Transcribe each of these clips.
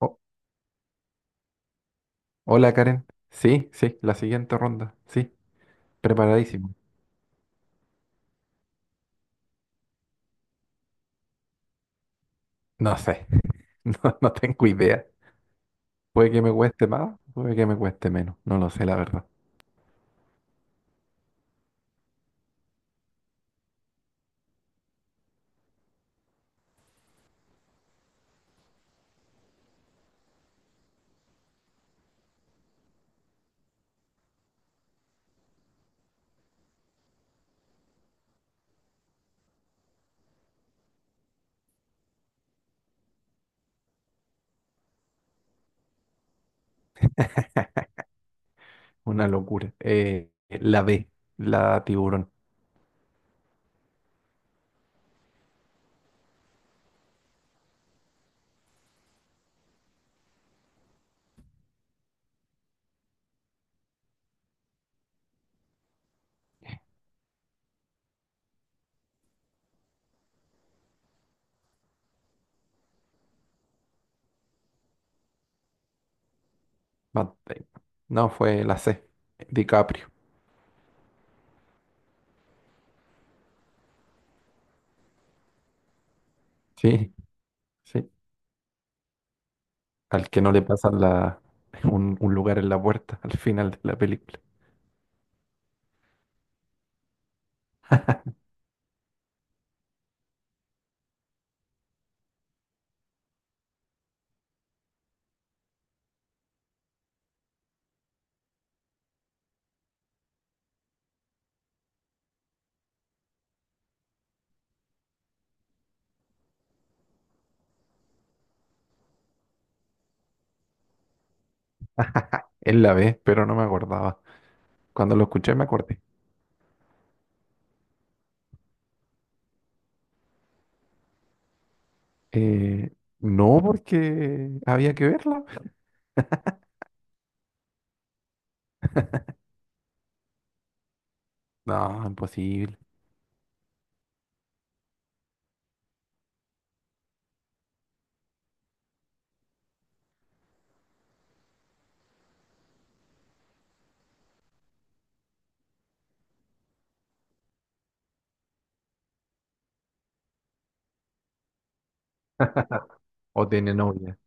Oh, hola Karen. Sí, sí, la siguiente ronda. Sí, preparadísimo. No sé, no, no tengo idea. Puede que me cueste más, puede que me cueste menos. No lo sé, la verdad. Una locura. La B, la tiburón. Matt Damon. No, fue la C, DiCaprio. Sí, sí. Al que no le pasan la, un lugar en la puerta al final de la película. Es la B, pero no me acordaba. Cuando lo escuché me acordé. Eh, no, porque había que verla. No, imposible. O tiene novia.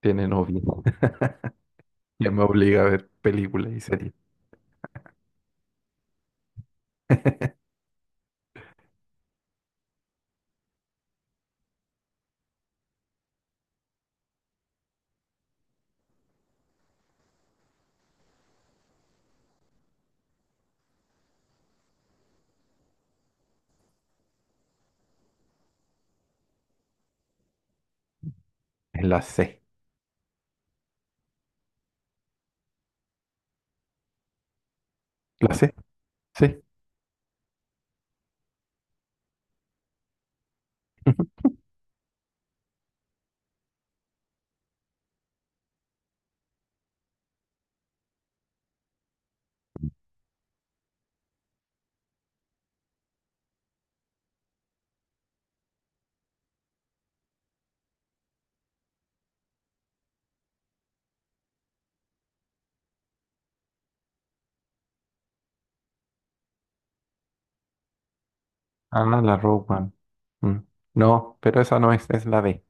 Tiene novia. Ya me obliga a ver películas y series. Es la C. ¿La C? Sí. Ujú. Ah, la Rogue One. Mm. No, pero esa no es, es la B.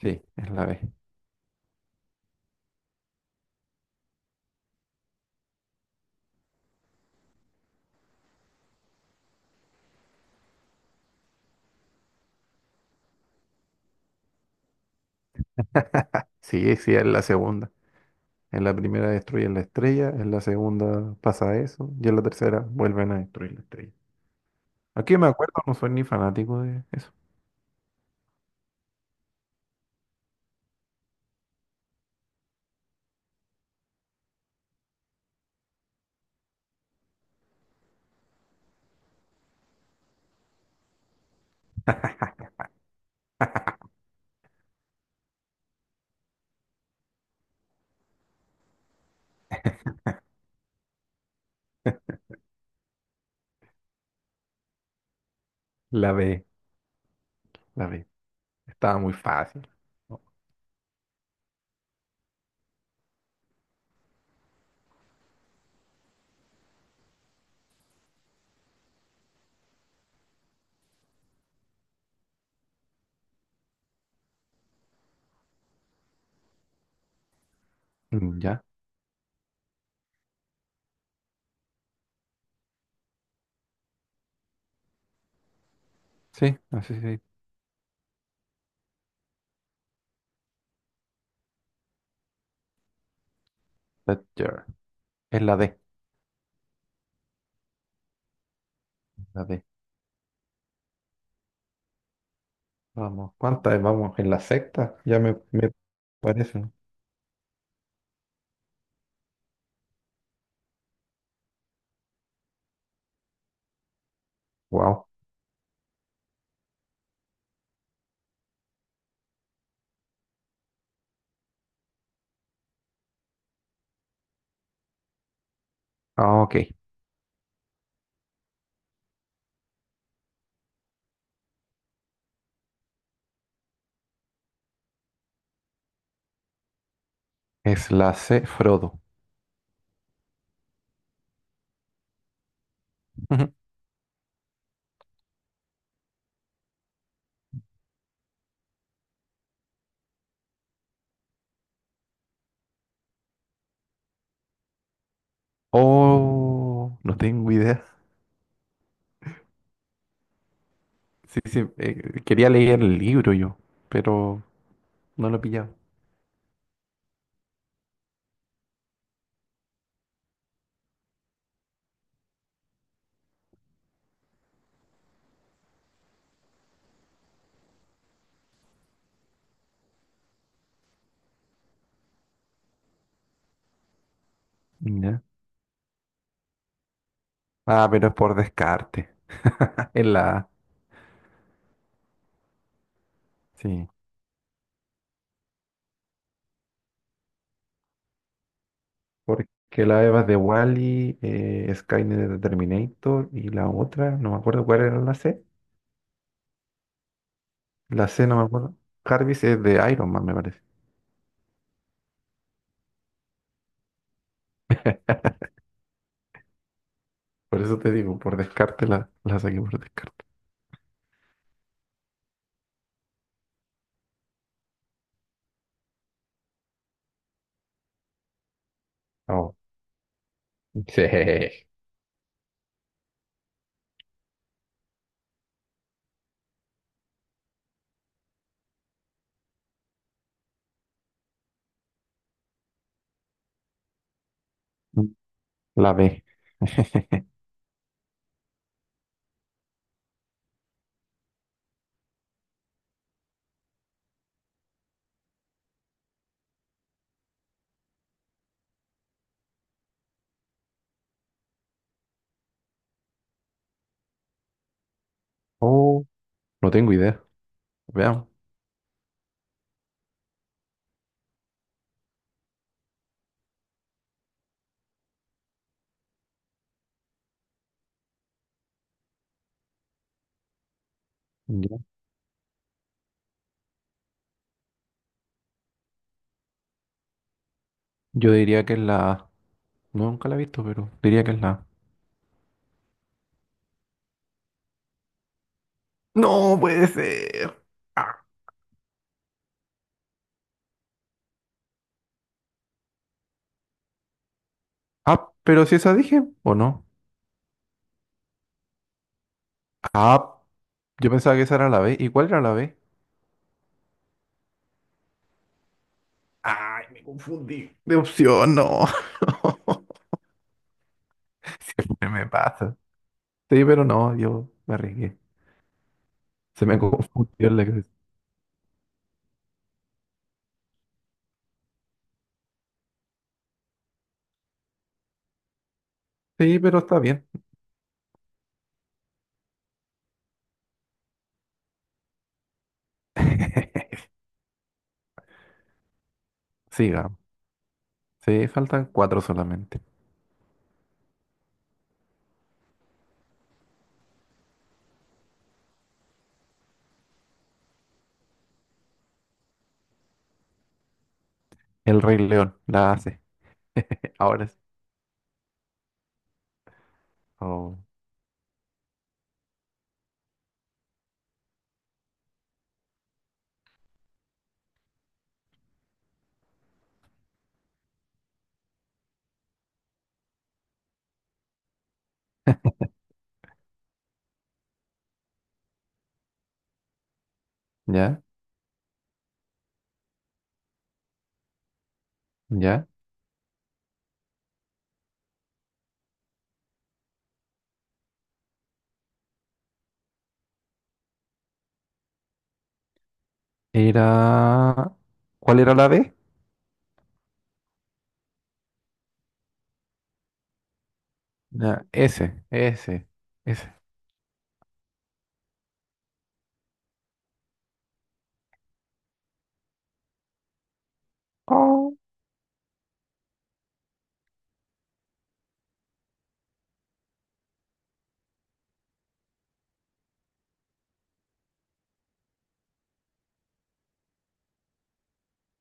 Sí, es la B. Sí, sí, es la segunda. En la primera destruyen la estrella, en la segunda pasa eso, y en la tercera vuelven a destruir la estrella. Aquí me acuerdo, no soy ni fanático de eso. La B, la B. Estaba muy fácil. Oh. ¿Ya? Sí, así sí. Thatcher. Es la D. Espérate, vamos. ¿Cuántas vamos? ¿En la sexta? Ya me parece. Wow. Ah, ok. Es la C, Frodo. Oh, no tengo idea. Sí, sí, quería leer el libro yo, pero no lo he pillado. Ya. Ah, pero es por descarte. Es la A, sí. Porque la Eva es de Wally, Skynet de Terminator y la otra, no me acuerdo cuál era la C. La C no me acuerdo. Jarvis es de Iron Man, me parece. Por eso te digo, por descarte la saqué por descarte. Oh, sí. La B. Oh, no tengo idea. Veamos. Ya. Yo diría que es la A. No, nunca la he visto, pero diría que es la A. No puede ser. Ah, ah, pero si esa dije, ¿o no? Ah, yo pensaba que esa era la B. ¿Y cuál era la B? Ay, me confundí. De opción, no. Siempre me pasa. Sí, pero no, yo me arriesgué. Se me confundió en la cabeza. Sí, pero está bien. Siga. Sí, faltan cuatro solamente. El Rey León, la hace. Ahora es. Oh, ya, ya. Era. ¿Cuál era la B? Ya, S, S, S. Oh,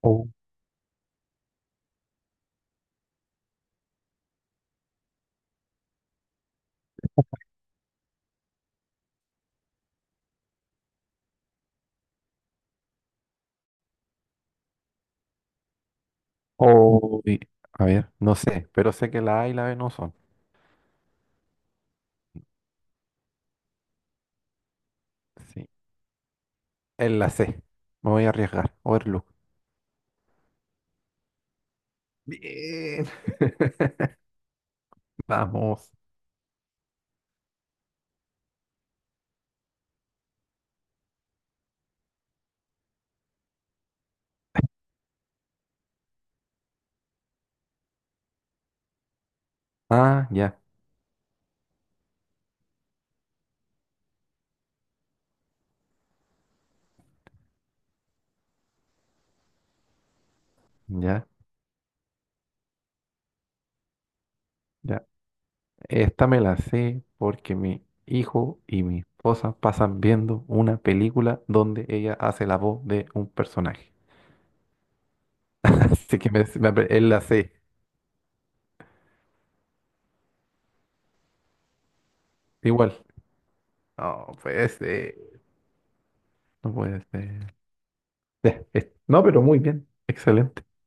oh, oh. Y a ver, no sé, pero sé que la A y la B no son. Sí. Es la C. Me voy a arriesgar. Overlook. Bien. Vamos. Ah, ya, ya, ya. Esta me la sé porque mi hijo y mi esposa pasan viendo una película donde ella hace la voz de un personaje. Así que me- me apre- él la sé igual. No puede ser. No puede ser. Ya, es- No, pero muy bien. Excelente.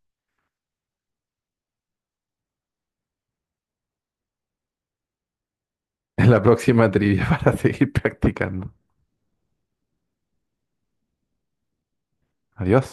En la próxima trivia para seguir practicando. Adiós.